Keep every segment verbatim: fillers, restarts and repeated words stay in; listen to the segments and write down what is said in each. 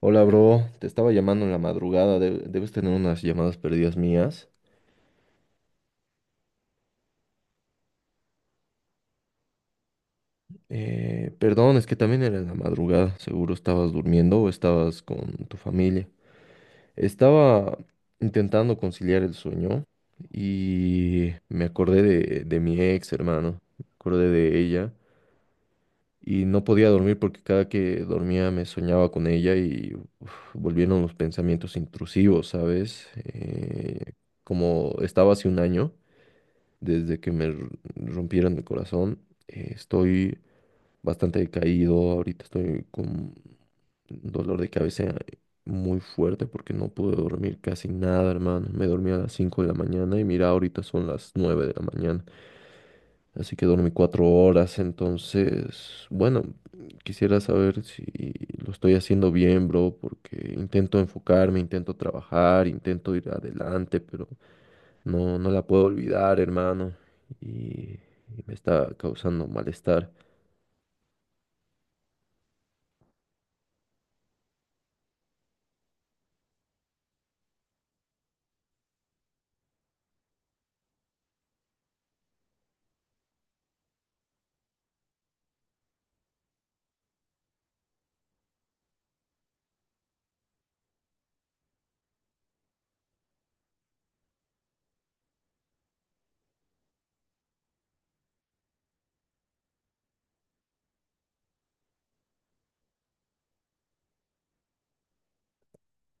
Hola, bro. Te estaba llamando en la madrugada. De- debes tener unas llamadas perdidas mías. Eh, perdón, es que también era en la madrugada. Seguro estabas durmiendo o estabas con tu familia. Estaba intentando conciliar el sueño y me acordé de, de mi ex, hermano. Me acordé de ella y no podía dormir porque cada que dormía me soñaba con ella y uf, volvieron los pensamientos intrusivos, ¿sabes? Eh, como estaba hace un año. Desde que me r- rompieron mi corazón, eh, estoy bastante decaído. Ahorita estoy con un dolor de cabeza muy fuerte porque no pude dormir casi nada, hermano. Me dormí a las cinco de la mañana y mira, ahorita son las nueve de la mañana. Así que dormí cuatro horas. Entonces, bueno, quisiera saber si lo estoy haciendo bien, bro, porque intento enfocarme, intento trabajar, intento ir adelante, pero no, no la puedo olvidar, hermano. Y, y me está causando malestar.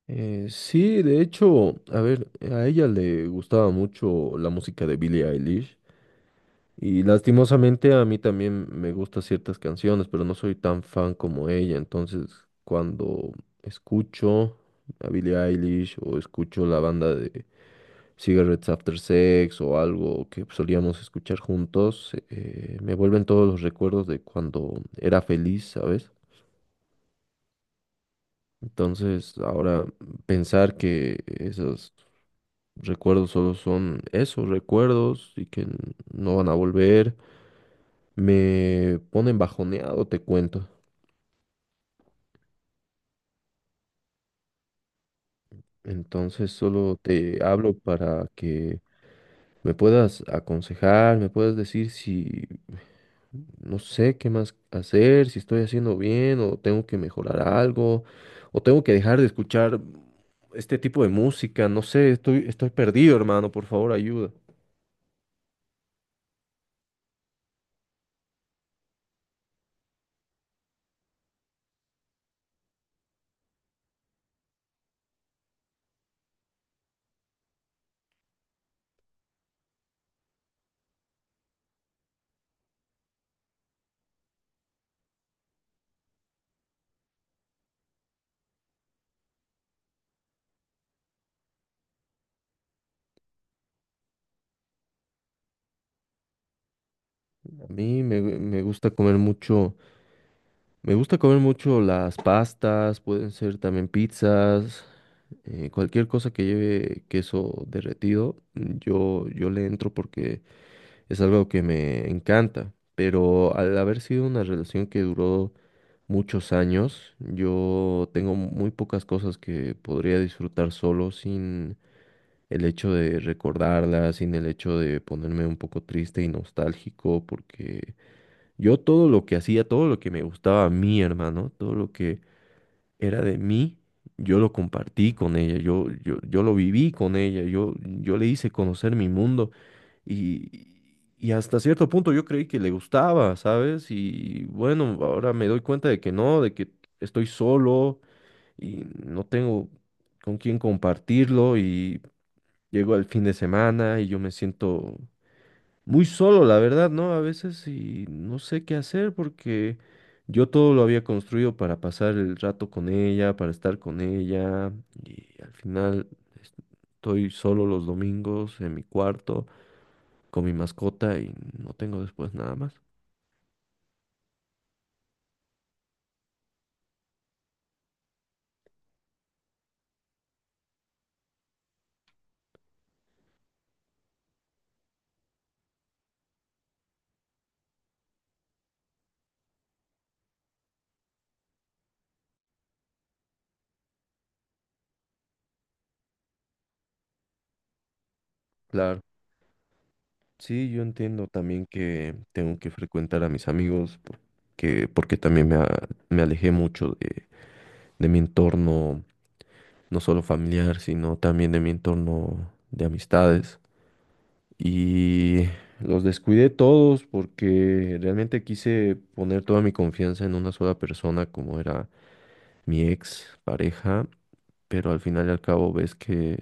Eh, sí, de hecho, a ver, a ella le gustaba mucho la música de Billie Eilish. Y lastimosamente a mí también me gustan ciertas canciones, pero no soy tan fan como ella. Entonces, cuando escucho a Billie Eilish o escucho la banda de Cigarettes After Sex o algo que solíamos escuchar juntos, eh, me vuelven todos los recuerdos de cuando era feliz, ¿sabes? Entonces, ahora pensar que esos recuerdos solo son esos recuerdos y que n- no van a volver, me ponen bajoneado, te cuento. Entonces, solo te hablo para que me puedas aconsejar, me puedas decir si no sé qué más hacer, si estoy haciendo bien o tengo que mejorar algo o tengo que dejar de escuchar este tipo de música, no sé, estoy, estoy perdido, hermano, por favor, ayuda. A mí me, gu- me gusta comer mucho, me gusta comer mucho las pastas, pueden ser también pizzas, eh, cualquier cosa que lleve queso derretido, yo, yo le entro porque es algo que me encanta. Pero al haber sido una relación que duró muchos años. Yo tengo muy pocas cosas que podría disfrutar solo sin el hecho de recordarlas, sin el hecho de ponerme un poco triste y nostálgico, porque yo todo lo que hacía, todo lo que me gustaba a mí, hermano, todo lo que era de mí, yo lo compartí con ella, yo, yo, yo lo viví con ella, yo, yo le hice conocer mi mundo y, y hasta cierto punto yo creí que le gustaba, ¿sabes? Y bueno, ahora me doy cuenta de que no, de que estoy solo y no tengo con quién compartirlo y llego al fin de semana y yo me siento muy solo, la verdad, ¿no? A veces y no sé qué hacer porque yo todo lo había construido para pasar el rato con ella, para estar con ella y al final estoy solo los domingos en mi cuarto con mi mascota y no tengo después nada más. Claro. Sí, yo entiendo también que tengo que frecuentar a mis amigos porque, porque también me, a- me alejé mucho de, de mi entorno, no solo familiar, sino también de mi entorno de amistades. Y los descuidé todos porque realmente quise poner toda mi confianza en una sola persona como era mi ex pareja, pero al final y al cabo ves que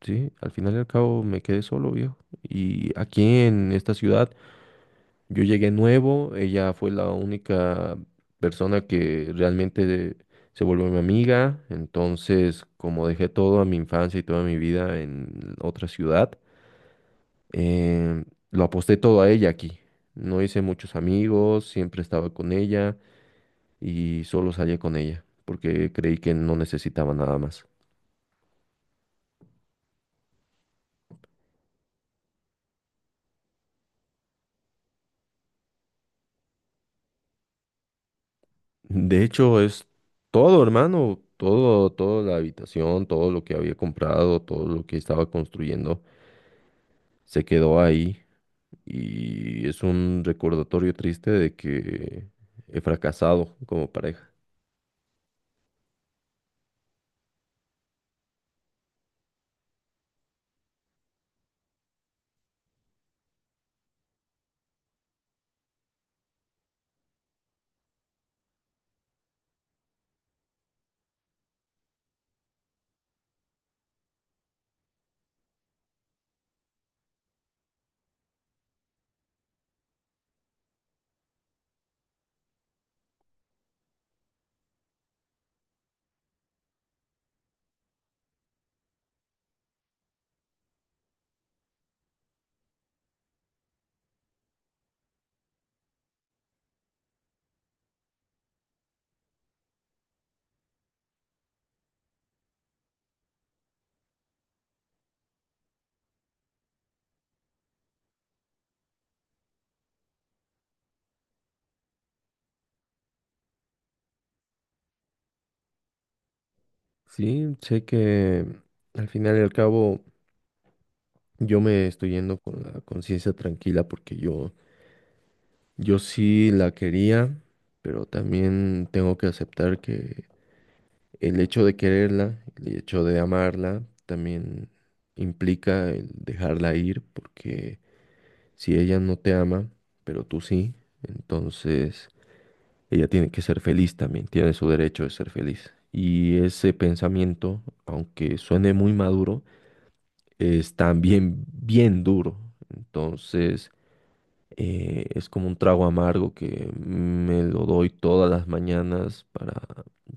sí, al final y al cabo me quedé solo, viejo. Y aquí en esta ciudad yo llegué nuevo, ella fue la única persona que realmente se volvió mi amiga, entonces como dejé todo a mi infancia y toda mi vida en otra ciudad, eh, lo aposté todo a ella aquí. No hice muchos amigos, siempre estaba con ella y solo salía con ella porque creí que no necesitaba nada más. De hecho, es todo, hermano, todo, toda la habitación, todo lo que había comprado, todo lo que estaba construyendo, se quedó ahí y es un recordatorio triste de que he fracasado como pareja. Sí, sé que al final y al cabo yo me estoy yendo con la conciencia tranquila porque yo, yo sí la quería, pero también tengo que aceptar que el hecho de quererla, el hecho de amarla, también implica el dejarla ir, porque si ella no te ama, pero tú sí, entonces ella tiene que ser feliz también, tiene su derecho de ser feliz. Y ese pensamiento, aunque suene muy maduro, es también bien duro. Entonces eh, es como un trago amargo que me lo doy todas las mañanas para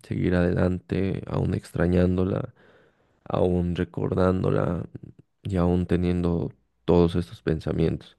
seguir adelante, aún extrañándola, aún recordándola y aún teniendo todos estos pensamientos.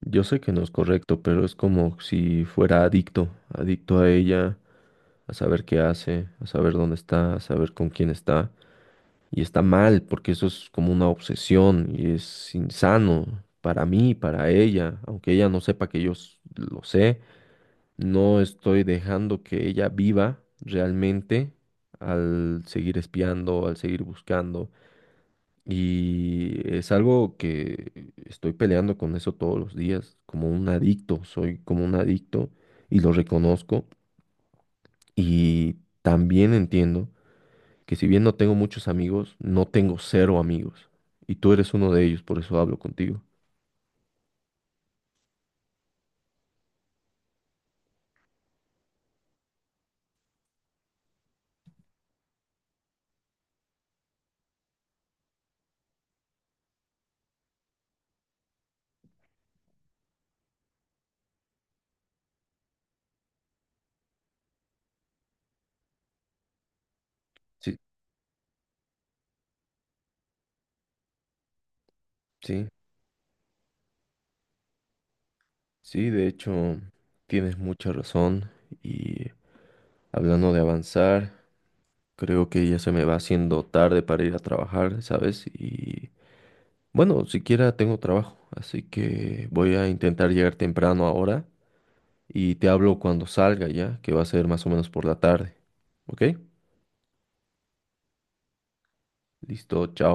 Yo sé que no es correcto, pero es como si fuera adicto, adicto a ella, a saber qué hace, a saber dónde está, a saber con quién está. Y está mal, porque eso es como una obsesión y es insano para mí, para ella, aunque ella no sepa que yo s- lo sé. No estoy dejando que ella viva realmente al seguir espiando, al seguir buscando. Y es algo que estoy peleando con eso todos los días, como un adicto, soy como un adicto y lo reconozco. Y también entiendo que si bien no tengo muchos amigos, no tengo cero amigos. Y tú eres uno de ellos, por eso hablo contigo. Sí, sí, sí, de hecho, tienes mucha razón. Y hablando de avanzar. Creo que ya se me va haciendo tarde para ir a trabajar, ¿sabes? Y bueno, siquiera tengo trabajo, así que voy a intentar llegar temprano ahora y te hablo cuando salga ya, que va a ser más o menos por la tarde. ¿Ok? Listo, chao.